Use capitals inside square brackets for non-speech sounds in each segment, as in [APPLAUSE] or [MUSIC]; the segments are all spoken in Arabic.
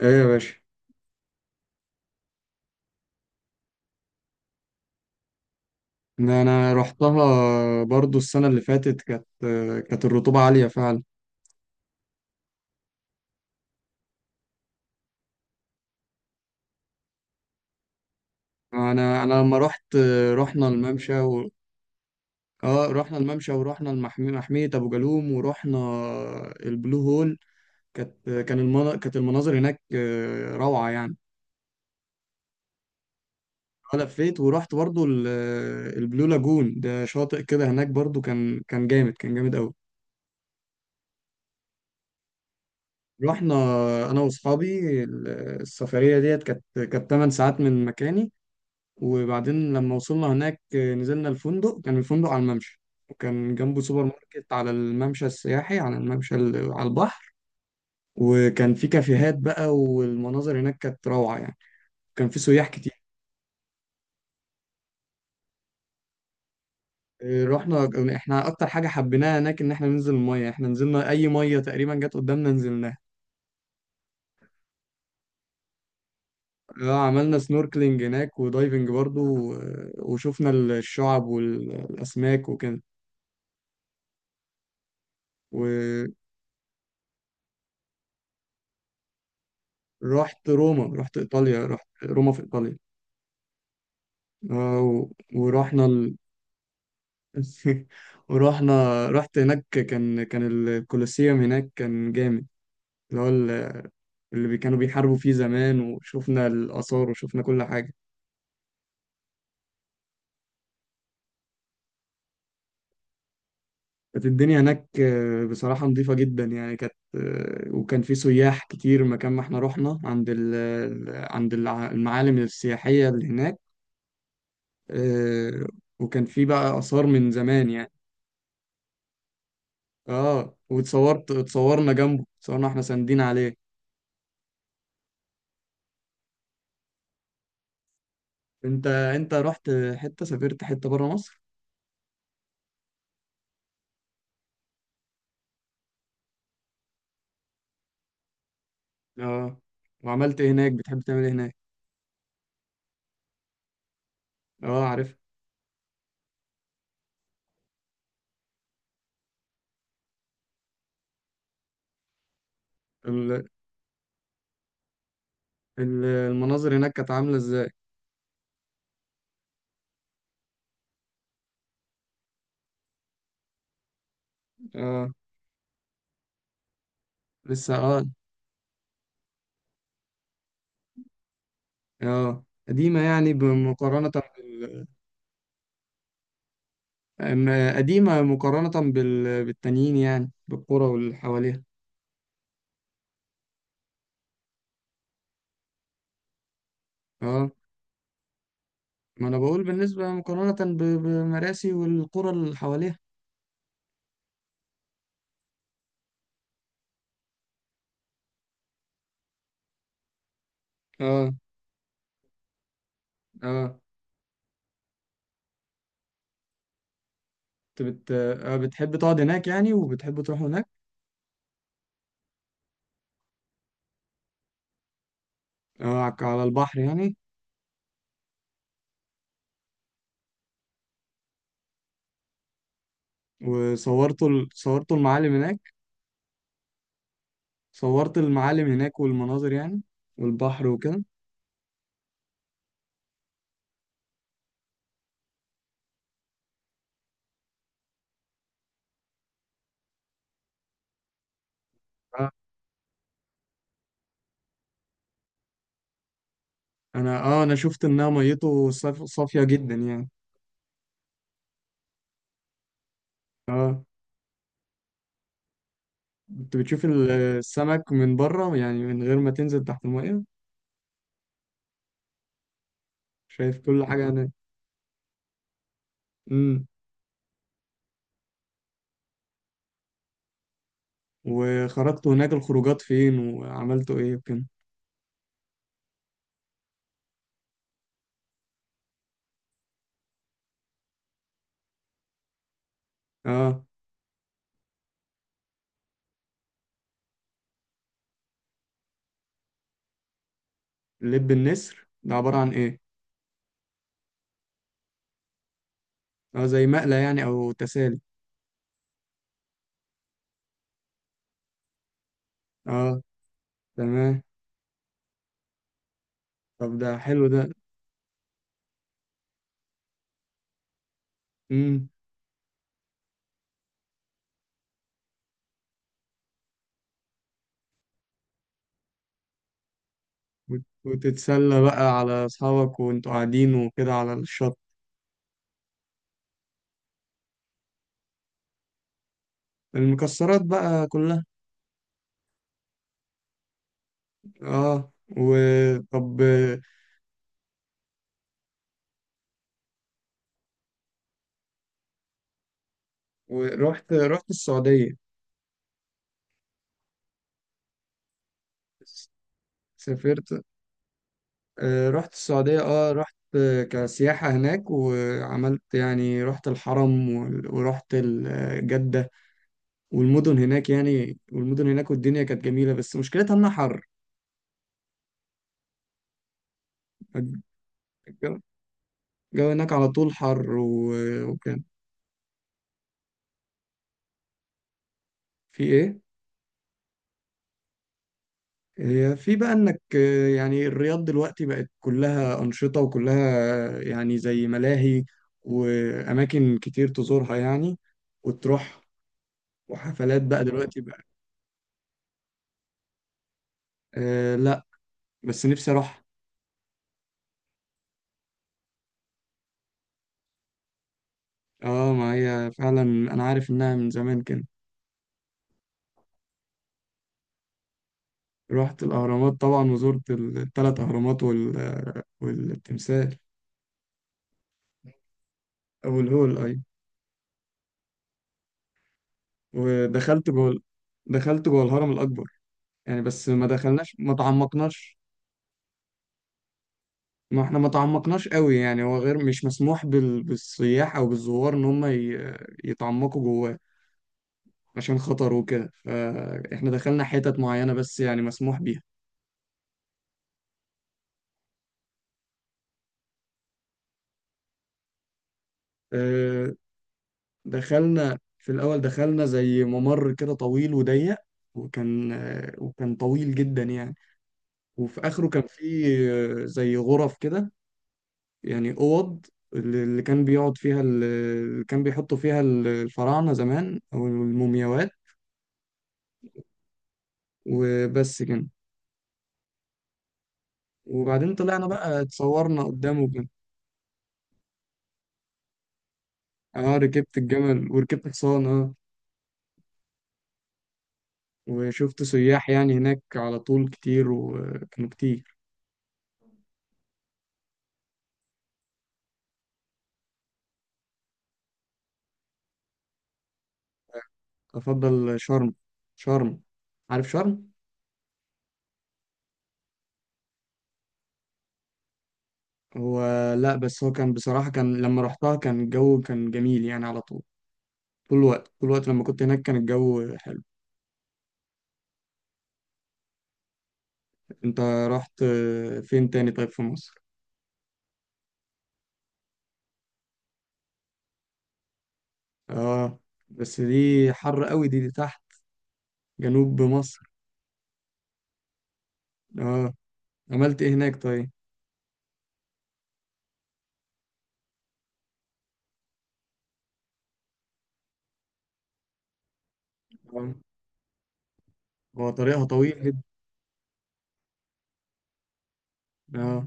ايه يا باشا. ده انا رحتها برضو السنه اللي فاتت. كانت الرطوبه عاليه فعلا. انا لما رحت، رحنا الممشى و... اه رحنا الممشى ورحنا المحمية، محمية ابو جالوم، ورحنا البلو هول. كانت المناظر هناك روعه يعني. انا لفيت ورحت برضو البلو لاجون، ده شاطئ كده هناك برضو، كان جامد، كان جامد قوي. رحنا انا واصحابي، السفريه ديت كانت، 8 ساعات من مكاني. وبعدين لما وصلنا هناك نزلنا الفندق، كان الفندق على الممشى، وكان جنبه سوبر ماركت على الممشى السياحي، على الممشى على البحر. وكان في كافيهات بقى، والمناظر هناك كانت روعة يعني. كان في سياح كتير. رحنا، احنا اكتر حاجة حبيناها هناك ان احنا ننزل المية، احنا نزلنا اي مية تقريبا جت قدامنا نزلناها. عملنا سنوركلينج هناك ودايفنج برضو، وشفنا الشعب والاسماك وكده. ورحت روما، رحت ايطاليا، رحت روما في ايطاليا. آه، و- ورحنا ال... [LAUGHS] ورحنا رحت هناك، كان الكولوسيوم هناك، كان جامد، اللي هو كانوا بيحاربوا فيه زمان، وشفنا الآثار وشفنا كل حاجة. كانت الدنيا هناك بصراحة نظيفة جدا يعني، كانت وكان في سياح كتير، مكان ما احنا رحنا عند المعالم السياحية اللي هناك. آه، وكان في بقى آثار من زمان يعني. اه، اتصورنا جنبه، اتصورنا احنا ساندين عليه. انت رحت حتة، سافرت حتة بره مصر. اه، وعملت ايه هناك؟ بتحب تعمل ايه هناك؟ اه، عارف. ال... المناظر هناك كانت عاملة ازاي؟ اه، لسه اه. اه قديمة يعني بمقارنة بال... قديمة مقارنة بالتانيين، يعني بالقرى واللي حواليها. اه، ما انا بقول بالنسبة، مقارنة بمراسي والقرى اللي حواليها. اه اه، انت بت... آه بتحب تقعد هناك يعني؟ وبتحب تروح هناك؟ اه، على البحر يعني. وصورت صورت المعالم هناك والمناظر يعني والبحر وكده. آه، انا شفت انها ميته صافية جدا يعني. كنت بتشوف السمك من بره، يعني من غير ما تنزل تحت المية؟ شايف كل حاجة هناك. امم وخرجت هناك الخروجات فين وعملتوا ايه وكده؟ اه، لب النسر ده عبارة عن ايه؟ اه، زي مقلى يعني او تسالي؟ اه، تمام. طب ده حلو ده. مم. وتتسلى بقى على أصحابك وأنتوا قاعدين وكده على الشط. المكسرات بقى كلها. اه، وطب. رحت السعودية. سافرت رحت السعودية، اه رحت آه، كسياحة هناك، وعملت يعني، رحت الحرم ورحت جدة، والمدن هناك، والدنيا كانت جميلة، بس مشكلتها إنها حر. الجو الجو هناك على طول حر، وكان. في إيه؟ هي في بقى انك يعني الرياض دلوقتي بقت كلها أنشطة، وكلها يعني زي ملاهي، وأماكن كتير تزورها يعني، وتروح، وحفلات بقى. دلوقتي بقى أه لا، بس نفسي أروح. اه، ما هي فعلا أنا عارف إنها من زمان كده. رحت الأهرامات طبعا، وزرت الثلاث أهرامات والتمثال، أو الهول أي، ودخلت جوه دخلت جوه الهرم الأكبر يعني، بس ما دخلناش، ما تعمقناش. ما احنا ما تعمقناش قوي يعني، هو غير مش مسموح بالسياح او بالزوار ان هم يتعمقوا جواه، عشان خطر وكده، فاحنا دخلنا حتت معينة بس يعني مسموح بيها. اه، دخلنا في الاول، دخلنا زي ممر كده طويل وضيق، وكان طويل جدا يعني، وفي اخره كان فيه اه، زي غرف كده، يعني اوض، اللي كان بيقعد فيها، اللي كان بيحطوا فيها الفراعنة زمان، او المومياوات. وبس كده. وبعدين طلعنا بقى، اتصورنا قدامه، كان اه، ركبت الجمل وركبت حصان، اه، وشفت سياح يعني هناك على طول كتير، وكانوا كتير. افضل شرم. شرم. عارف شرم. هو لا، بس هو كان بصراحة، كان لما رحتها كان الجو كان جميل يعني على طول. طول الوقت، طول الوقت لما كنت هناك كان الجو حلو. انت رحت فين تاني طيب في مصر؟ اه، بس دي حر قوي، دي تحت، جنوب مصر. اه، عملت ايه هناك طيب؟ اه، هو طريقها طويل. اه،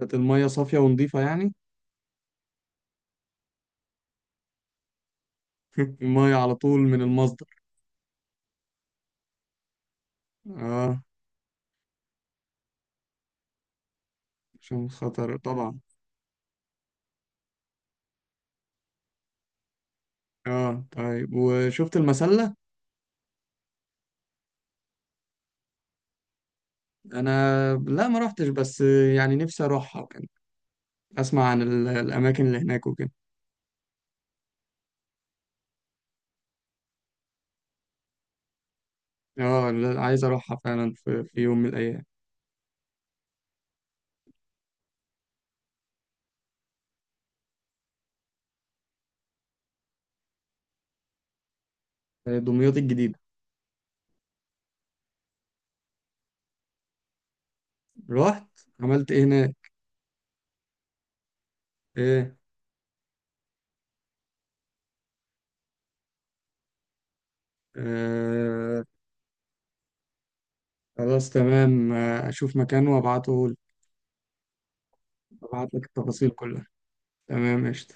كانت المية صافية ونضيفة يعني. [LAUGHS] المية على طول من المصدر. اه، عشان خطر طبعا. اه، طيب وشفت المسلة؟ انا لا، ما روحتش، بس يعني نفسي اروحها. وكان اسمع عن الاماكن اللي هناك وكده. اه لا، عايز اروحها فعلا، في يوم من الايام. دمياط الجديدة. رحت؟ عملت ايه هناك؟ ايه؟ آه. خلاص تمام، اشوف مكان وابعته. ابعت لك التفاصيل كلها. تمام. قشطة.